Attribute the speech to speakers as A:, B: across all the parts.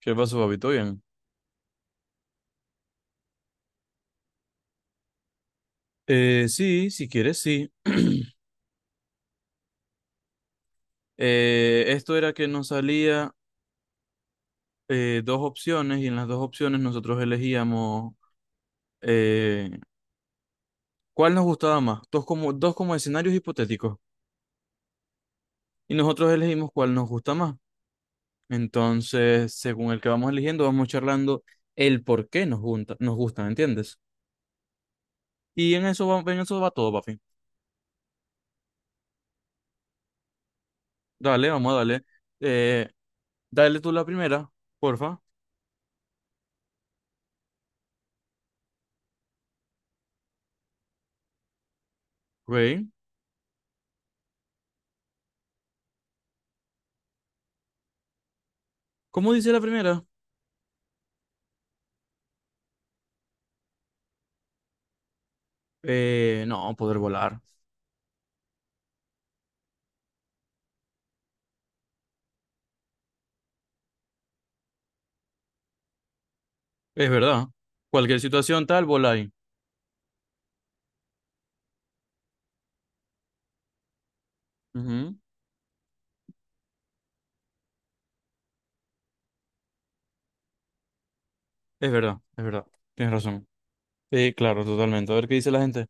A: ¿Qué pasó, papi? ¿Todo bien? Sí, si quieres, sí. Esto era que nos salía dos opciones, y en las dos opciones nosotros elegíamos eh, cuál nos gustaba más, dos como escenarios hipotéticos, y nosotros elegimos cuál nos gusta más. Entonces, según el que vamos eligiendo, vamos charlando el por qué nos gusta, ¿entiendes? Y en eso va todo, papi. Dale, vamos a darle. Eh, Dale tú la primera, porfa. Ok. ¿Cómo dice la primera? No, poder volar. Es verdad. Cualquier situación tal, voláis. Ujú. Es verdad, es verdad. Tienes razón. Sí, claro, totalmente. A ver qué dice la gente.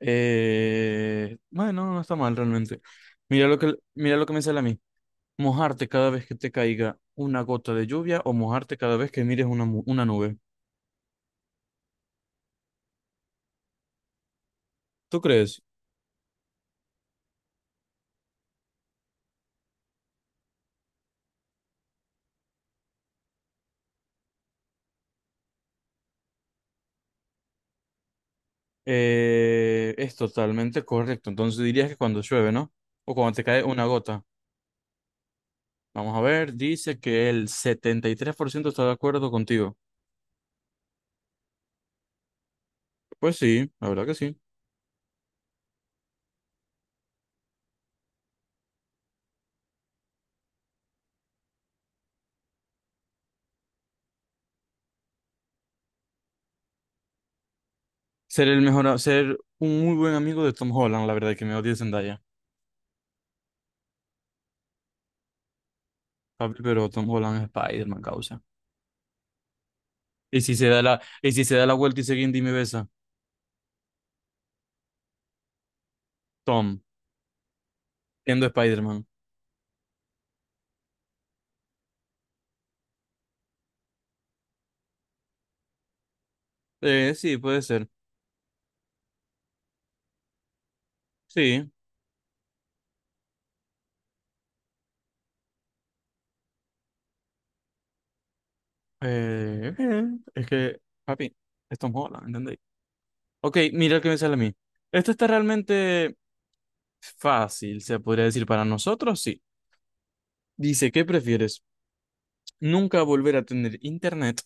A: Bueno, no está mal realmente. Mira lo que me sale a mí. Mojarte cada vez que te caiga una gota de lluvia, o mojarte cada vez que mires una nube. ¿Tú crees? Es totalmente correcto. Entonces dirías que cuando llueve, ¿no? O cuando te cae una gota. Vamos a ver, dice que el 73% está de acuerdo contigo. Pues sí, la verdad que sí. Ser el mejor, a- Ser un muy buen amigo de Tom Holland, la verdad que me odia Zendaya. Papi, pero Tom Holland es Spider-Man, causa. Y si se da la, y si se da la vuelta y se guinda y me besa, Tom, siendo Spider-Man. Sí, puede ser. Sí. Eh, eh, es que, papi, es Tom Holland, ¿entendéis? Ok, mira el que me sale a mí. Esto está realmente fácil, se podría decir, para nosotros, sí. Dice, ¿qué prefieres? ¿Nunca volver a tener internet,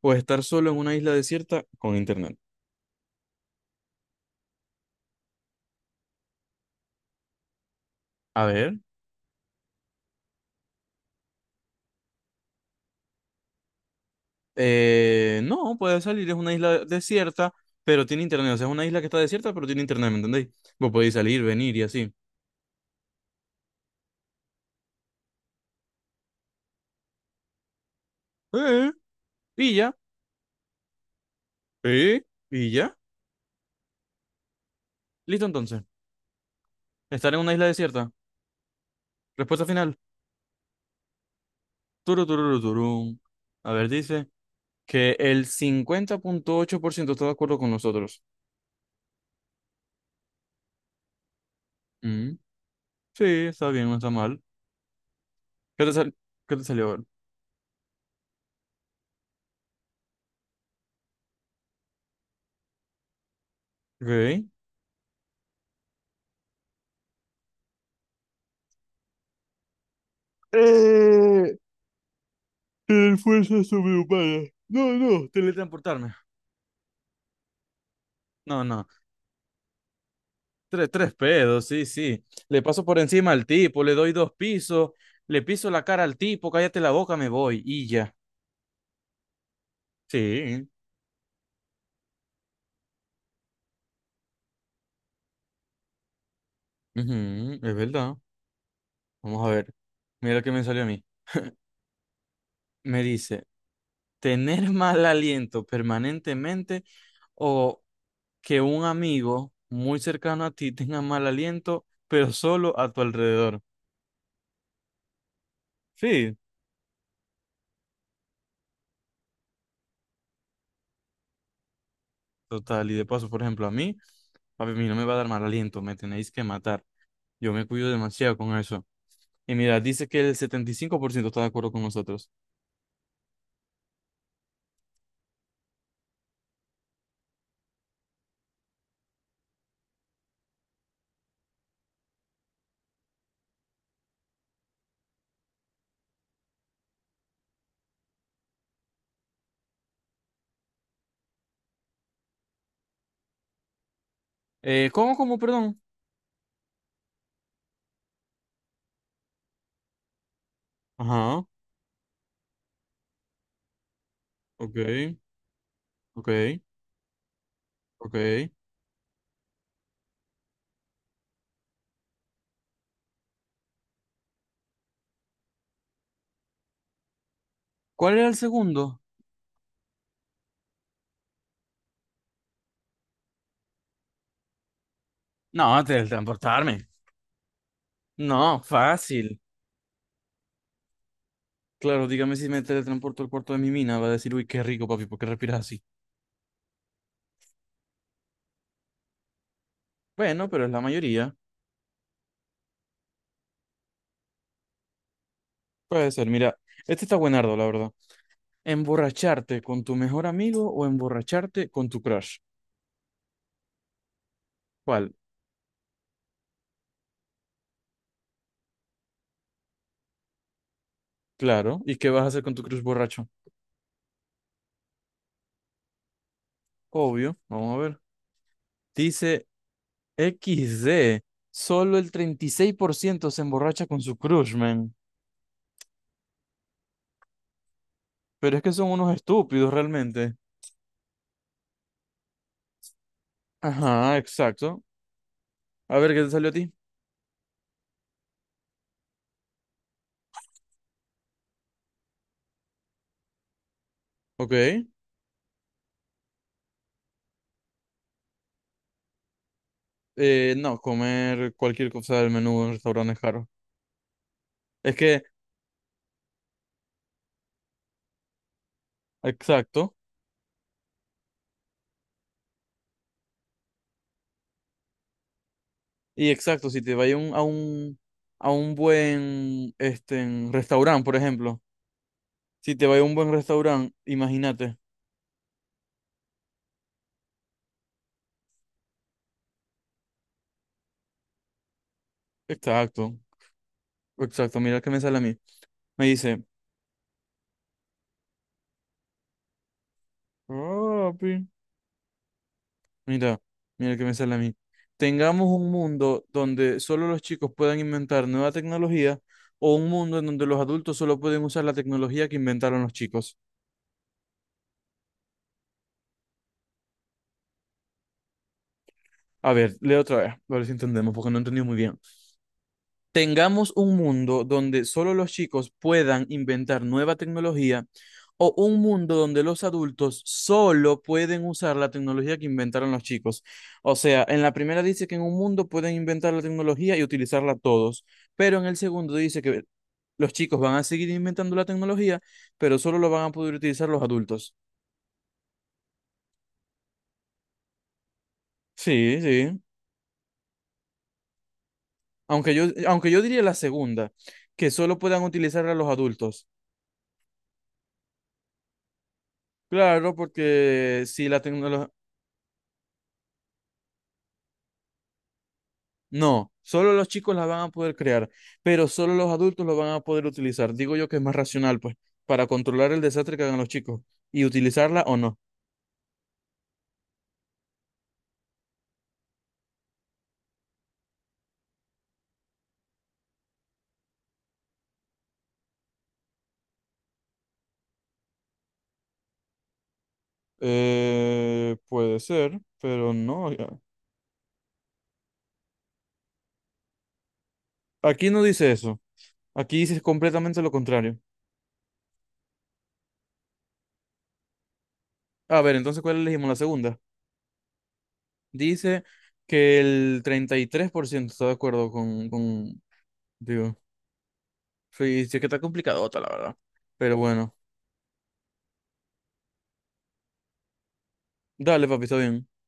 A: o estar solo en una isla desierta con internet? A ver, no, puede salir, es una isla desierta, pero tiene internet. O sea, es una isla que está desierta, pero tiene internet, ¿me entendéis? Vos podéis salir, venir y así. Eh, y ya. eh, y ya. Listo, entonces. Estar en una isla desierta. Respuesta final. Turu, tururu, turún. A ver, dice que el 50,8% está de acuerdo con nosotros. Mm, sí, está bien, no está mal. ¿Qué te sal- ¿Qué te salió? A. Ok. Eh, Tener fuerza sobrehumana. No, no, teletransportarme. No, no. Tres pedos, sí, sí. Le paso por encima al tipo, le doy dos pisos, le piso la cara al tipo, cállate la boca, me voy y ya. Sí, ujú, es verdad. Vamos a ver. Mira lo que me salió a mí. Me dice, tener mal aliento permanentemente, o que un amigo muy cercano a ti tenga mal aliento, pero solo a tu alrededor. Sí, total. Y de paso, por ejemplo, a mí, papi, a mí no me va a dar mal aliento, me tenéis que matar. Yo me cuido demasiado con eso. Y mira, dice que el 75% está de acuerdo con nosotros. ¿Cómo, perdón? Ajá, ok, ok, ok. ¿Cuál era el segundo? No, teletransportarme. No, fácil. Claro, dígame, si me teletransporto al cuarto de mi mina, va a decir, uy, qué rico, papi, ¿por qué respiras así? Bueno, pero es la mayoría. Puede ser, mira, este está buenardo, la verdad. ¿Emborracharte con tu mejor amigo, o emborracharte con tu crush? ¿Cuál? Claro. ¿Y qué vas a hacer con tu crush borracho? Obvio, vamos a ver. Dice XD. Solo el 36% se emborracha con su crush, man. Pero es que son unos estúpidos realmente. Ajá, exacto. A ver, ¿qué te salió a ti? Ok. No, comer cualquier cosa del menú en restaurantes caros. Es que, exacto. Y exacto, si te vas a un, buen en restaurante, por ejemplo. Si te vas a un buen restaurante, imagínate. Exacto. Exacto, mira qué me sale a mí. Me dice, "Oh, papi, Mira, mira que me sale a mí. Tengamos un mundo donde solo los chicos puedan inventar nueva tecnología, o un mundo en donde los adultos solo pueden usar la tecnología que inventaron los chicos". A ver, leo otra vez, a ver si entendemos, porque no entendí muy bien. Tengamos un mundo donde solo los chicos puedan inventar nueva tecnología, o un mundo donde los adultos solo pueden usar la tecnología que inventaron los chicos. O sea, en la primera dice que en un mundo pueden inventar la tecnología y utilizarla todos, pero en el segundo dice que los chicos van a seguir inventando la tecnología, pero solo lo van a poder utilizar los adultos. Sí, sí. Aunque yo diría la segunda, que solo puedan utilizarla los adultos. Claro, porque si la tecnología... No, solo los chicos las van a poder crear, pero solo los adultos lo van a poder utilizar. Digo yo que es más racional, pues, para controlar el desastre que hagan los chicos y utilizarla o no. Puede ser, pero no. Ya. Aquí no dice eso. Aquí dice completamente lo contrario. A ver, entonces, ¿cuál elegimos? La segunda. Dice que el 33% está de acuerdo digo, sí, sí, que está complicadota, la verdad. Pero bueno, dale, papi, está bien.